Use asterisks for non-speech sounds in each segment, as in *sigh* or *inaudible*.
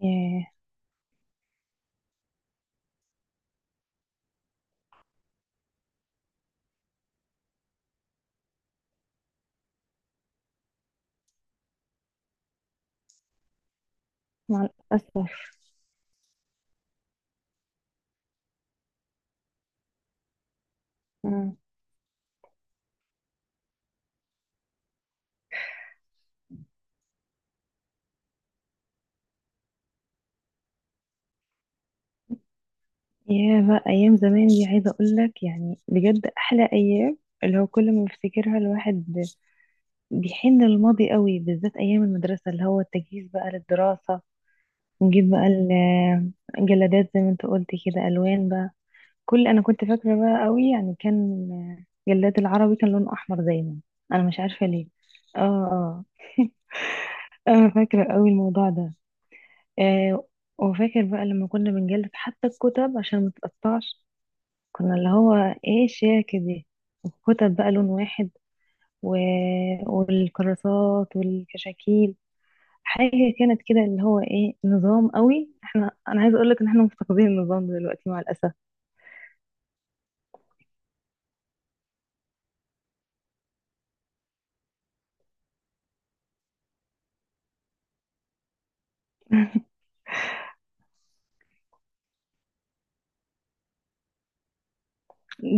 ياه، مع الأسف. مم. ياه بقى أيام زمان دي، عايزة أقولك يعني بجد أحلى أيام، اللي هو كل ما بفتكرها الواحد بيحن للماضي قوي، بالذات أيام المدرسة، اللي هو التجهيز بقى للدراسة، ونجيب بقى الجلادات زي ما انت قلت كده، ألوان بقى. كل أنا كنت فاكرة بقى قوي، يعني كان جلاد العربي كان لونه أحمر دايما. أنا مش عارفة ليه. اه، اه. *laughs* أنا فاكرة قوي الموضوع ده. آه، وفاكر بقى لما كنا بنجلد حتى الكتب عشان ما تتقطعش، كنا اللي هو ايه الشياكة دي، وكتب بقى لون واحد و... والكراسات والكشاكيل، حاجة كانت كده، اللي هو ايه نظام قوي احنا، انا عايزة اقولك ان احنا مفتقدين النظام ده دلوقتي مع الاسف.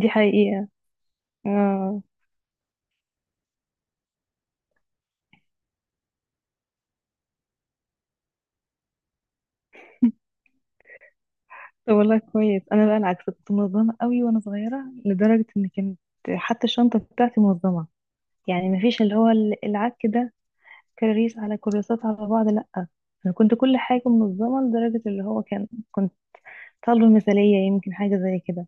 دي حقيقة. اه. طب والله كويس، انا بقى العكس، كنت منظمة قوي وانا صغيرة، لدرجة ان كانت حتى الشنطة بتاعتي منظمة، يعني مفيش اللي هو العك ده، كراريس على كراسات على بعض، لأ. أنا كنت كل حاجة منظمة، لدرجة اللي هو كان كنت طالبة مثالية، يمكن حاجة زي كده.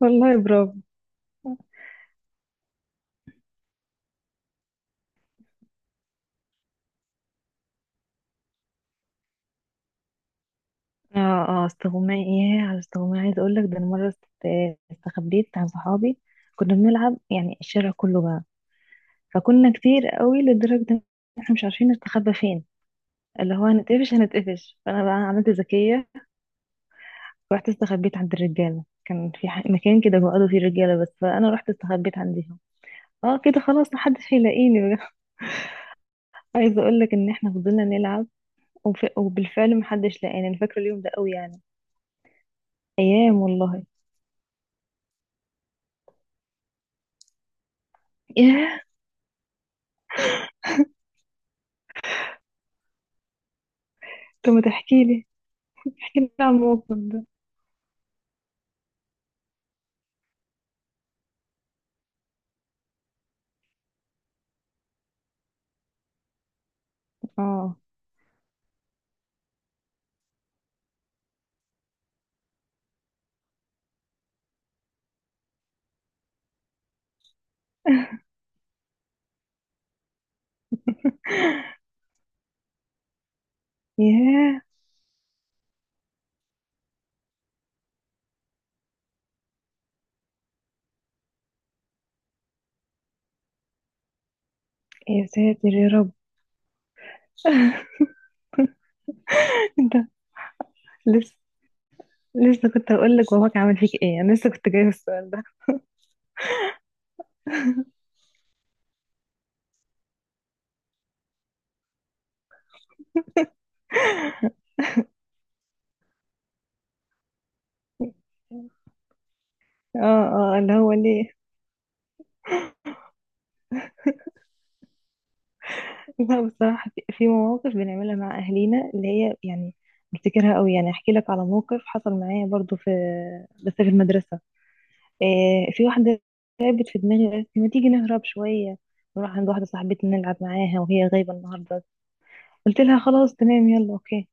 والله برافو. اه، اه. استغماء. ياه على استغماء، عايزة أقولك ده أنا مرة استخبيت عن صحابي. كنا بنلعب يعني الشارع كله بقى، فكنا كتير قوي لدرجة إن احنا مش عارفين نستخبى فين، اللي هو هنتقفش هنتقفش. فأنا بقى عملت ذكية، رحت استخبيت عند الرجالة. كان في مكان كده بيقعدوا فيه رجالة بس، فأنا رحت استخبيت عندهم. اه كده خلاص، محدش هيلاقيني. عايزه اقول لك ان احنا فضلنا نلعب، وبالفعل محدش لقانا. انا فاكره اليوم ده قوي يعني، ايام والله. *laughs* ياه. طب ما تحكي لي، احكي لي عن الموقف ده. اه. ياه، يا ساتر يا رب. *laughs* انت لسه، لسه كنت هقول لك باباك عمل فيك ايه، انا لسه كنت جايه في السؤال ده. *laughs* اه، اه اللي هو ليه. *laughs* لا بصراحه، في في مواقف بنعملها مع اهالينا اللي هي يعني بفتكرها قوي. يعني احكي لك على موقف حصل معايا برضو في، بس في المدرسه. في واحدة تعبت في دماغي، قالت لي ما تيجي نهرب شوية، نروح عند واحدة صاحبتنا نلعب معاها وهي غايبة النهاردة. قلت لها خلاص تمام يلا اوكي.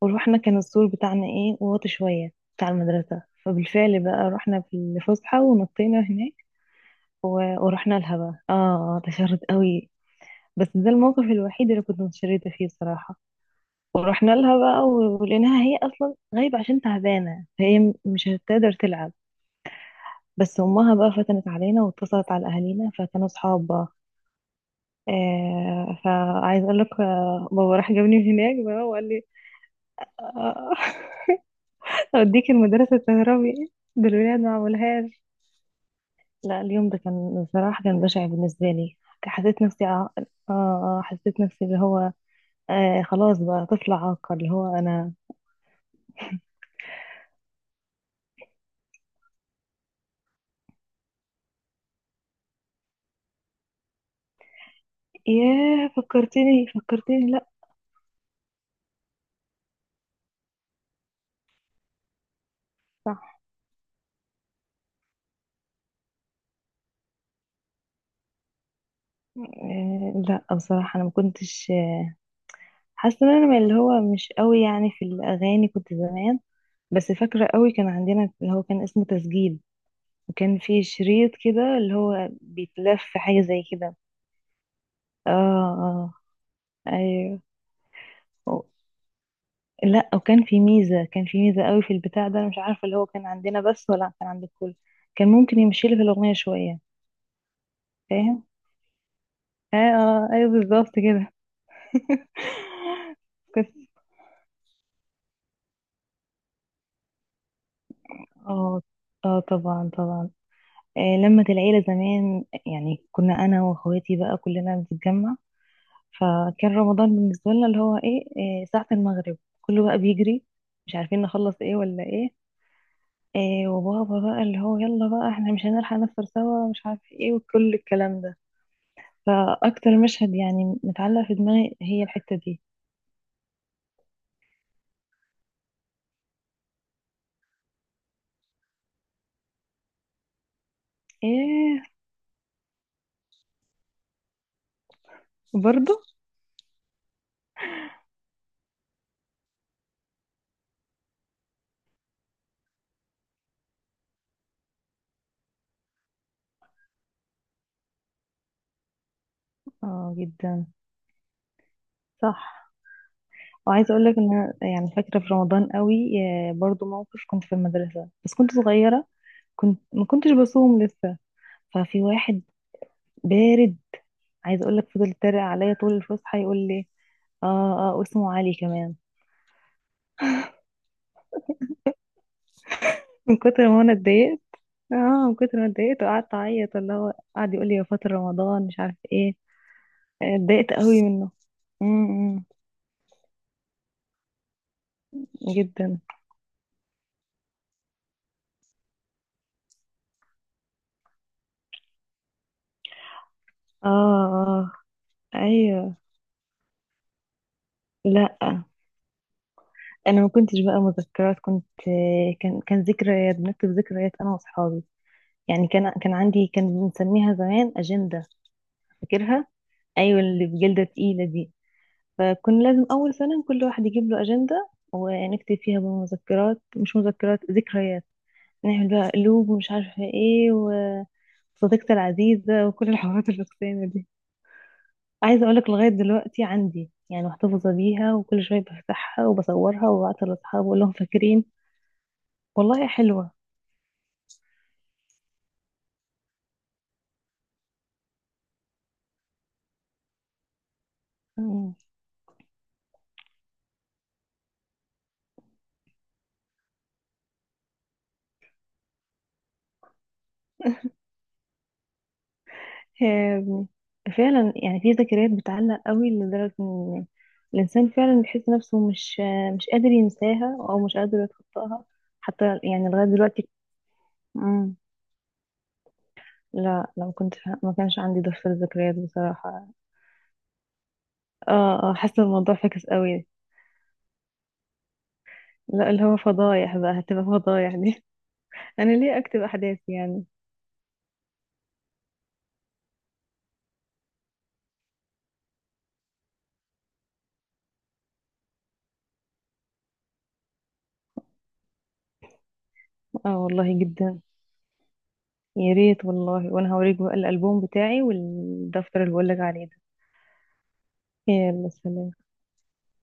وروحنا. كان السور بتاعنا ايه، واطي شوية بتاع المدرسة، فبالفعل بقى رحنا في الفسحة ونطينا هناك. ورحنا لها بقى، اه تشرد قوي، بس ده الموقف الوحيد اللي كنت متشردة فيه صراحة. ورحنا لها بقى ولقيناها هي اصلا غايبة عشان تعبانة، فهي مش هتقدر تلعب. بس امها بقى فتنت علينا، واتصلت على اهالينا فكانوا صحاب بقى. آه، فعايز اقول لك بابا راح جابني من هناك بقى وقال لي آه. *laughs* اوديك المدرسه تهربي بالولاد، ما عملهاش. لا اليوم ده كان بصراحه كان بشع بالنسبه لي. حسيت نفسي حسيت نفسي اللي هو آه خلاص بقى طفل عاقل، اللي هو انا. ياه، فكرتني. لا، صح. آه لا بصراحه انا ما كنتش، حاسه ان انا من اللي هو مش قوي يعني في الاغاني كنت زمان. بس فاكرة قوي كان عندنا اللي هو كان اسمه تسجيل، وكان فيه شريط كده اللي هو بيتلف حاجة زي كده. اه اه ايوه. و- لا وكان في ميزة، كان في ميزة قوي في البتاع ده، أنا مش عارفة اللي هو كان عندنا بس ولا كان عند الكل، كان ممكن يمشي لي في الأغنية شوية. فاهم؟ اه اه ايوه بالظبط كده. *laughs* كنت، اه اه طبعا طبعا. آه لمة العيلة زمان، يعني كنا أنا وأخواتي بقى كلنا بنتجمع. فكان رمضان بالنسبة لنا اللي هو ايه، إيه ساعة المغرب، كله بقى بيجري، مش عارفين نخلص ايه ولا ايه، إيه وبابا بقى اللي هو يلا بقى احنا مش هنلحق نفطر سوا مش عارف ايه وكل الكلام ده. فأكتر مشهد يعني متعلق في دماغي هي الحتة دي. ايه، برضو. اه جدا، صح. وعايزة اقول لك ان أنا يعني فاكرة في رمضان قوي، آه، برضو موقف كنت في المدرسة بس كنت صغيرة، كنت ما كنتش بصوم لسه. ففي واحد بارد، عايزه اقول لك فضل يتريق عليا طول الفسحه يقول لي، اه اه، واسمه علي كمان. من كتر ما انا اتضايقت، اه، من كتر ما اتضايقت وقعدت اعيط، اللي هو قعد يقول لي يا فاطر رمضان مش عارف ايه. آه، اتضايقت قوي منه. امم. جدا. اه اه ايوه. لا انا ما كنتش بقى مذكرات، كنت، كان ذكريات، بنكتب ذكريات انا واصحابي. يعني كان عندي، كان بنسميها زمان اجنده. فاكرها. ايوه اللي بجلده تقيله دي. فكنا لازم أول سنة كل واحد يجيب له أجندة، ونكتب فيها بقى مذكرات، مش مذكرات، ذكريات. نعمل بقى قلوب ومش عارفة ايه، وصديقتي العزيزة، وكل الحوارات الفكسانة دي. عايزة أقولك لغاية دلوقتي عندي، يعني محتفظة بيها، وكل شوية بفتحها وبصورها وببعتها لأصحابي وأقول لهم فاكرين. والله حلوة. آم. فعلا يعني في ذكريات بتعلق قوي، لدرجة ان الانسان فعلا بيحس نفسه مش قادر ينساها، او مش قادر يتخطاها. حتى يعني لغاية دلوقتي. مم. لا. لا، ما كانش عندي دفتر ذكريات بصراحة. اه اه حاسة الموضوع فاكس قوي. لا اللي هو فضايح بقى، هتبقى فضايح دي. *laughs* انا ليه اكتب احداث يعني. اه والله جدا. يا ريت والله، وانا هوريك بقى الالبوم بتاعي والدفتر اللي بقولك عليه ده. يلا سلام.